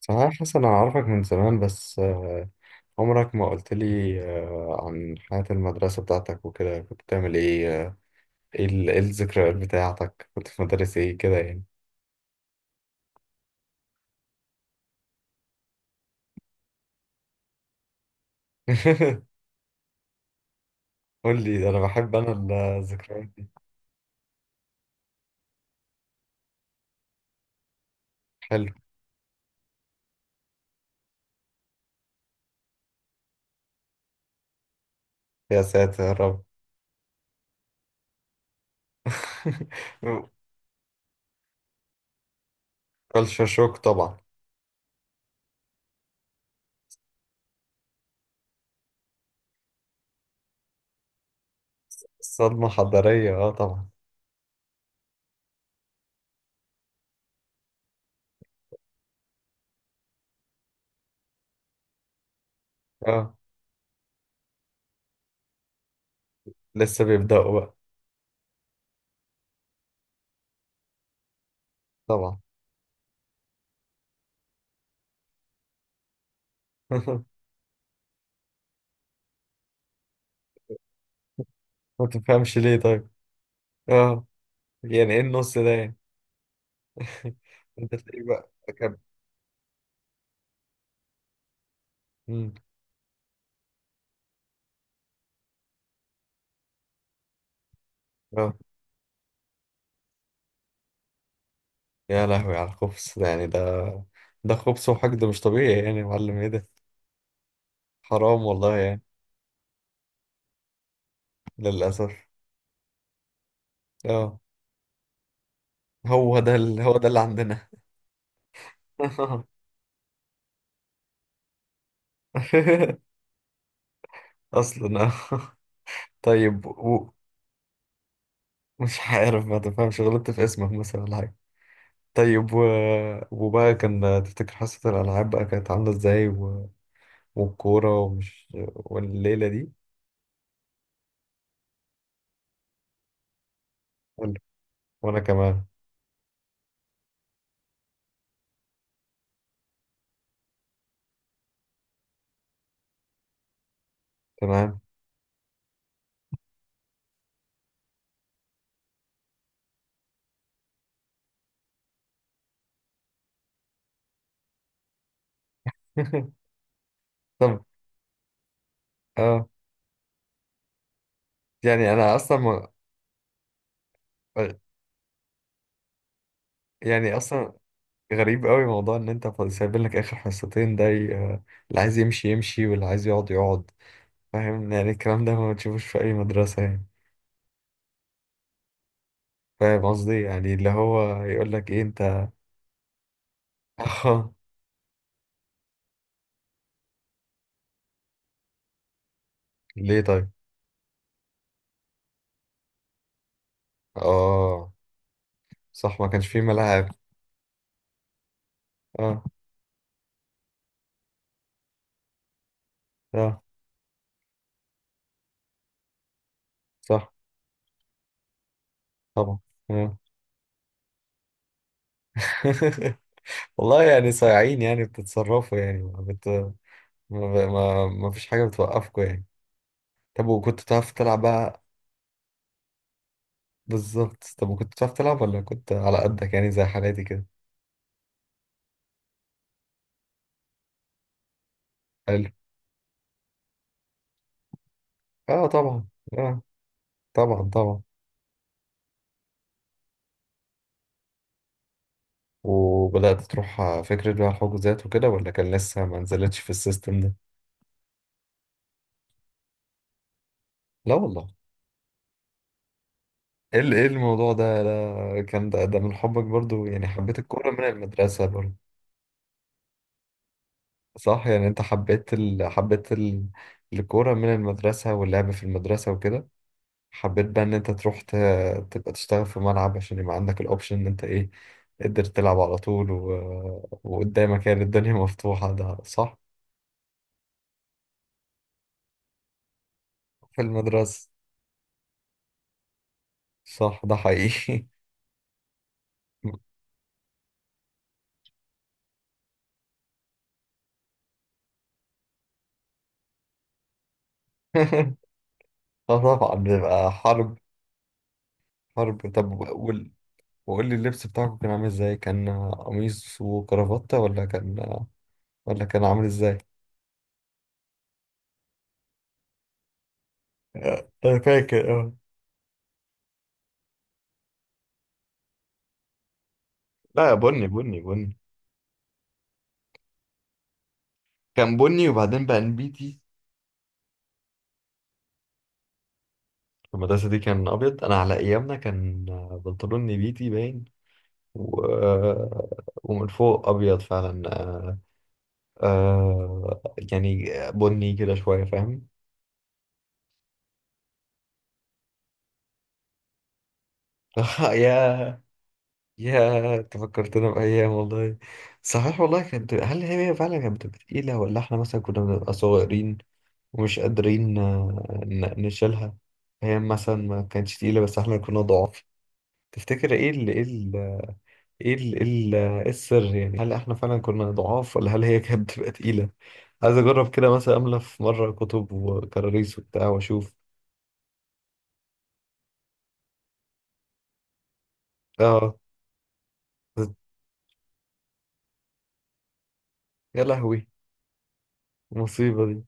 صحيح يا حسن، أنا أعرفك من زمان بس عمرك ما قلت لي عن حياة المدرسة بتاعتك وكده كنت بتعمل إيه؟ إيه الذكريات بتاعتك؟ كنت في مدارس إيه كده يعني؟ قول لي ده، أنا بحب الذكريات دي. حلو. يا ساتر يا رب. كلشر شوك طبعا. صدمة حضارية، أه طبعا. أه. لسه بيبدأوا بقى. طبعا. ما تفهمش ليه طيب؟ أه. يعني إيه النص ده يعني؟ أنت تلاقيه بقى كم؟ مم. آه. يا لهوي على الخبز ده، يعني ده خبز وحقد مش طبيعي، يعني يا معلم ايه ده؟ حرام والله يعني. للأسف. اه. هو ده اللي عندنا. اصلا اه. طيب و... مش عارف، ما تفهمش. غلطت في اسمك مثلا ولا حاجة؟ طيب و... وبقى، كان تفتكر حصة الألعاب بقى كانت عاملة ازاي؟ و... والكورة، ومش... والليلة دي؟ ولا. وأنا كمان. تمام. طب. اه. يعني أنا أصلا ما- يعني اصلا غريب قوي موضوع ان انت سايبين لك اخر حصتين، اللي عايز يمشي يمشي، واللي عايز يقعد يقعد. فاهم؟ يعني الكلام ده ما بتشوفوش في اي مدرسة يعني. فاهم قصدي؟ يعني اللي هو يقول لك ايه انت. اه. ليه طيب؟ اه، صح، ما كانش فيه ملاعب. اه. اه، صح. طبعا. آه. والله يعني صايعين، يعني بتتصرفوا، يعني ما بت ما, ب... ما... ما فيش حاجة بتوقفكم يعني. طب، وكنت بتعرف تلعب بقى؟ بالظبط. طب، وكنت بتعرف تلعب ولا كنت على قدك يعني، زي حالاتي كده؟ حلو. اه طبعا. اه طبعا. وبدأت تروح فكرة بقى الحجوزات وكده، ولا كان لسه ما نزلتش في السيستم ده؟ لا والله. ايه الموضوع ده؟ ده من حبك برضو، يعني حبيت الكورة من المدرسة برضو. صح. يعني انت الكورة من المدرسة، واللعب في المدرسة وكده. حبيت بقى ان انت تبقى تشتغل في ملعب، عشان يبقى عندك الاوبشن ان انت، ايه، تقدر تلعب على طول، و... وقدامك يعني الدنيا مفتوحة. ده صح. في المدرسة. صح، ده حقيقي. اه طبعا، بيبقى حرب. حرب. طب، وقول. وقول لي اللبس بتاعكم كان عامل ازاي؟ كان قميص وكرافتة، ولا كان... ولا كان عامل ازاي؟ انا فاكر اه. لا، بني. كان بني وبعدين بقى نبيتي. في المدرسة دي كان أبيض. أنا على أيامنا كان بنطلون نبيتي باين، و... ومن فوق أبيض فعلا. آه... يعني بني كده شوية، فاهم. يا. يا انت فكرتنا بأيام والله. صحيح والله. كانت... هل هي فعلا كانت بتبقى تقيلة، ولا احنا مثلا كنا بنبقى صغيرين ومش قادرين نشيلها؟ هي مثلا ما كانتش تقيلة، بس احنا كنا ضعاف. تفتكر ايه إيه السر يعني؟ هل احنا فعلا كنا ضعاف، ولا هل هي كانت بتبقى تقيلة؟ عايز اجرب كده مثلا، املى في مرة كتب وكراريس وبتاع، واشوف. اه. يا لهوي، المصيبة دي.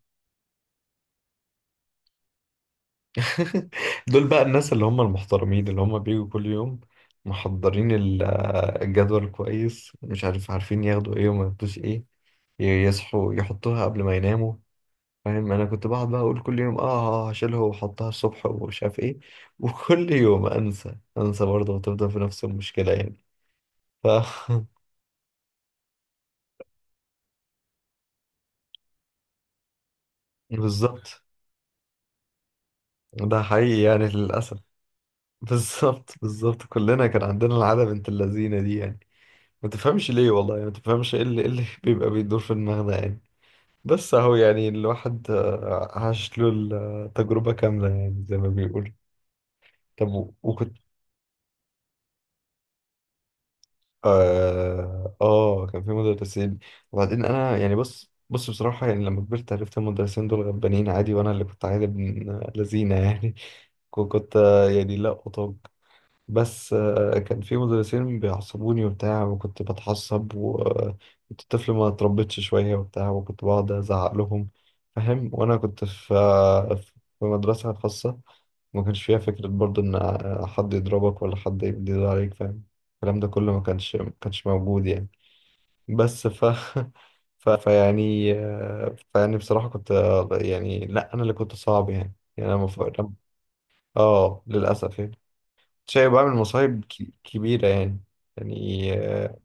دول بقى الناس اللي هم المحترمين، اللي هم بيجوا كل يوم محضرين الجدول كويس، مش عارف، عارفين ياخدوا ايه وما ياخدوش ايه، يصحوا يحطوها قبل ما يناموا، فاهم. انا كنت بقعد بقى اقول كل يوم، اه هشيلها واحطها الصبح ومش عارف ايه، وكل يوم انسى انسى برضه، وتفضل في نفس المشكلة يعني. ف بالظبط. ده حقيقي يعني، للأسف. بالظبط بالظبط. كلنا كان عندنا العادة بنت اللذينة دي يعني. ما تفهمش ليه والله، يعني ما تفهمش إيه اللي بيبقى بيدور في دماغنا يعني. بس اهو، يعني الواحد عاش له التجربة كاملة، يعني زي ما بيقول. طب وكنت... اه كان في مدرسين. وبعدين انا يعني بص بصراحة، يعني لما كبرت عرفت المدرسين دول غلبانين عادي، وانا اللي كنت عادي ابن لذينة يعني. كنت يعني لا أطاق. بس كان في مدرسين بيعصبوني وبتاع، وكنت بتعصب، وكنت طفل ما اتربيتش شوية وبتاع، وكنت بقعد أزعق لهم، فاهم. وأنا كنت في في مدرسة خاصة، ما كانش فيها فكرة برضو إن حد يضربك ولا حد يجدر عليك، فاهم. الكلام ده كله ما كانش موجود يعني. بس ف ف فيعني آه، فيعني بصراحة كنت يعني لا، أنا اللي كنت صعب يعني، يعني اه. للأسف يعني. شاي بعمل كبيرة يعني. يعني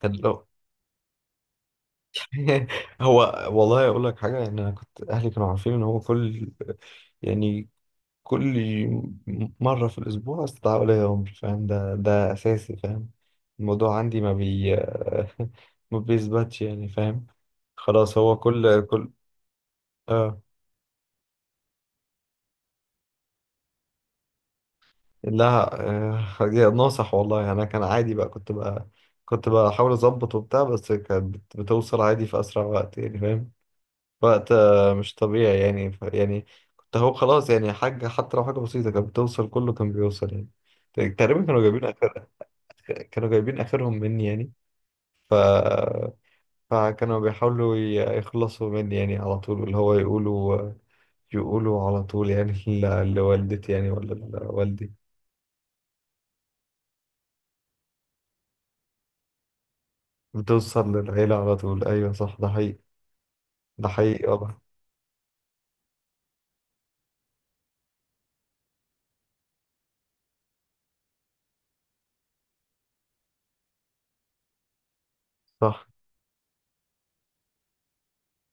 كان لو. هو. والله أقول لك حاجة، يعني أنا كنت أهلي كانوا عارفين إن هو كل، يعني كل مرة في الأسبوع استدعاء ولي أمر، فاهم، ده ده أساسي، فاهم. الموضوع عندي ما بي ما بيثبتش يعني، فاهم. خلاص، هو كل آه. لا، ناصح والله يعني. انا كان عادي بقى، كنت بحاول اظبط وبتاع، بس كانت بتوصل عادي في اسرع وقت يعني، فاهم. وقت مش طبيعي يعني، يعني كنت... هو خلاص يعني، حاجه حتى لو حاجه بسيطه كانت بتوصل، كله كان بيوصل يعني. تقريبا كانوا جايبين آخر... كانوا جايبين اخرهم مني يعني. ف. فكانوا بيحاولوا يخلصوا مني يعني على طول، اللي هو يقولوا، يقولوا على طول يعني لوالدتي يعني ولا لوالدي. بتوصل للعيلة على طول، أيوة صح، ده حقيقي. ده حقيقي والله. صح.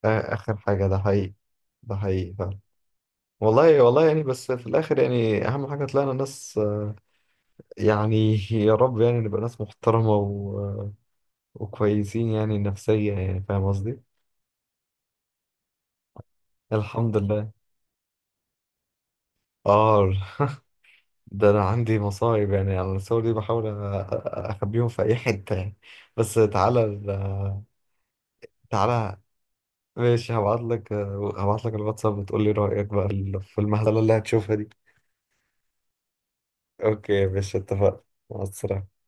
آخر حاجة، ده حقيقي. ده حقيقي فعلا. والله والله يعني، بس في الآخر يعني أهم حاجة طلعنا ناس، يعني يا رب يعني نبقى ناس محترمة، و... وكويسين يعني نفسيا، يعني فاهم قصدي؟ الحمد لله. آه. ده أنا عندي مصايب يعني على الصور دي. بحاول أ- أخبيهم في أي حتة يعني. بس تعالى تعالى. ماشي، هبعت لك. هبعت لك الواتساب، وتقول لي رأيك بقى في المهزلة اللي هتشوفها دي. اوكي يا باشا، اتفقنا. مع السلامة.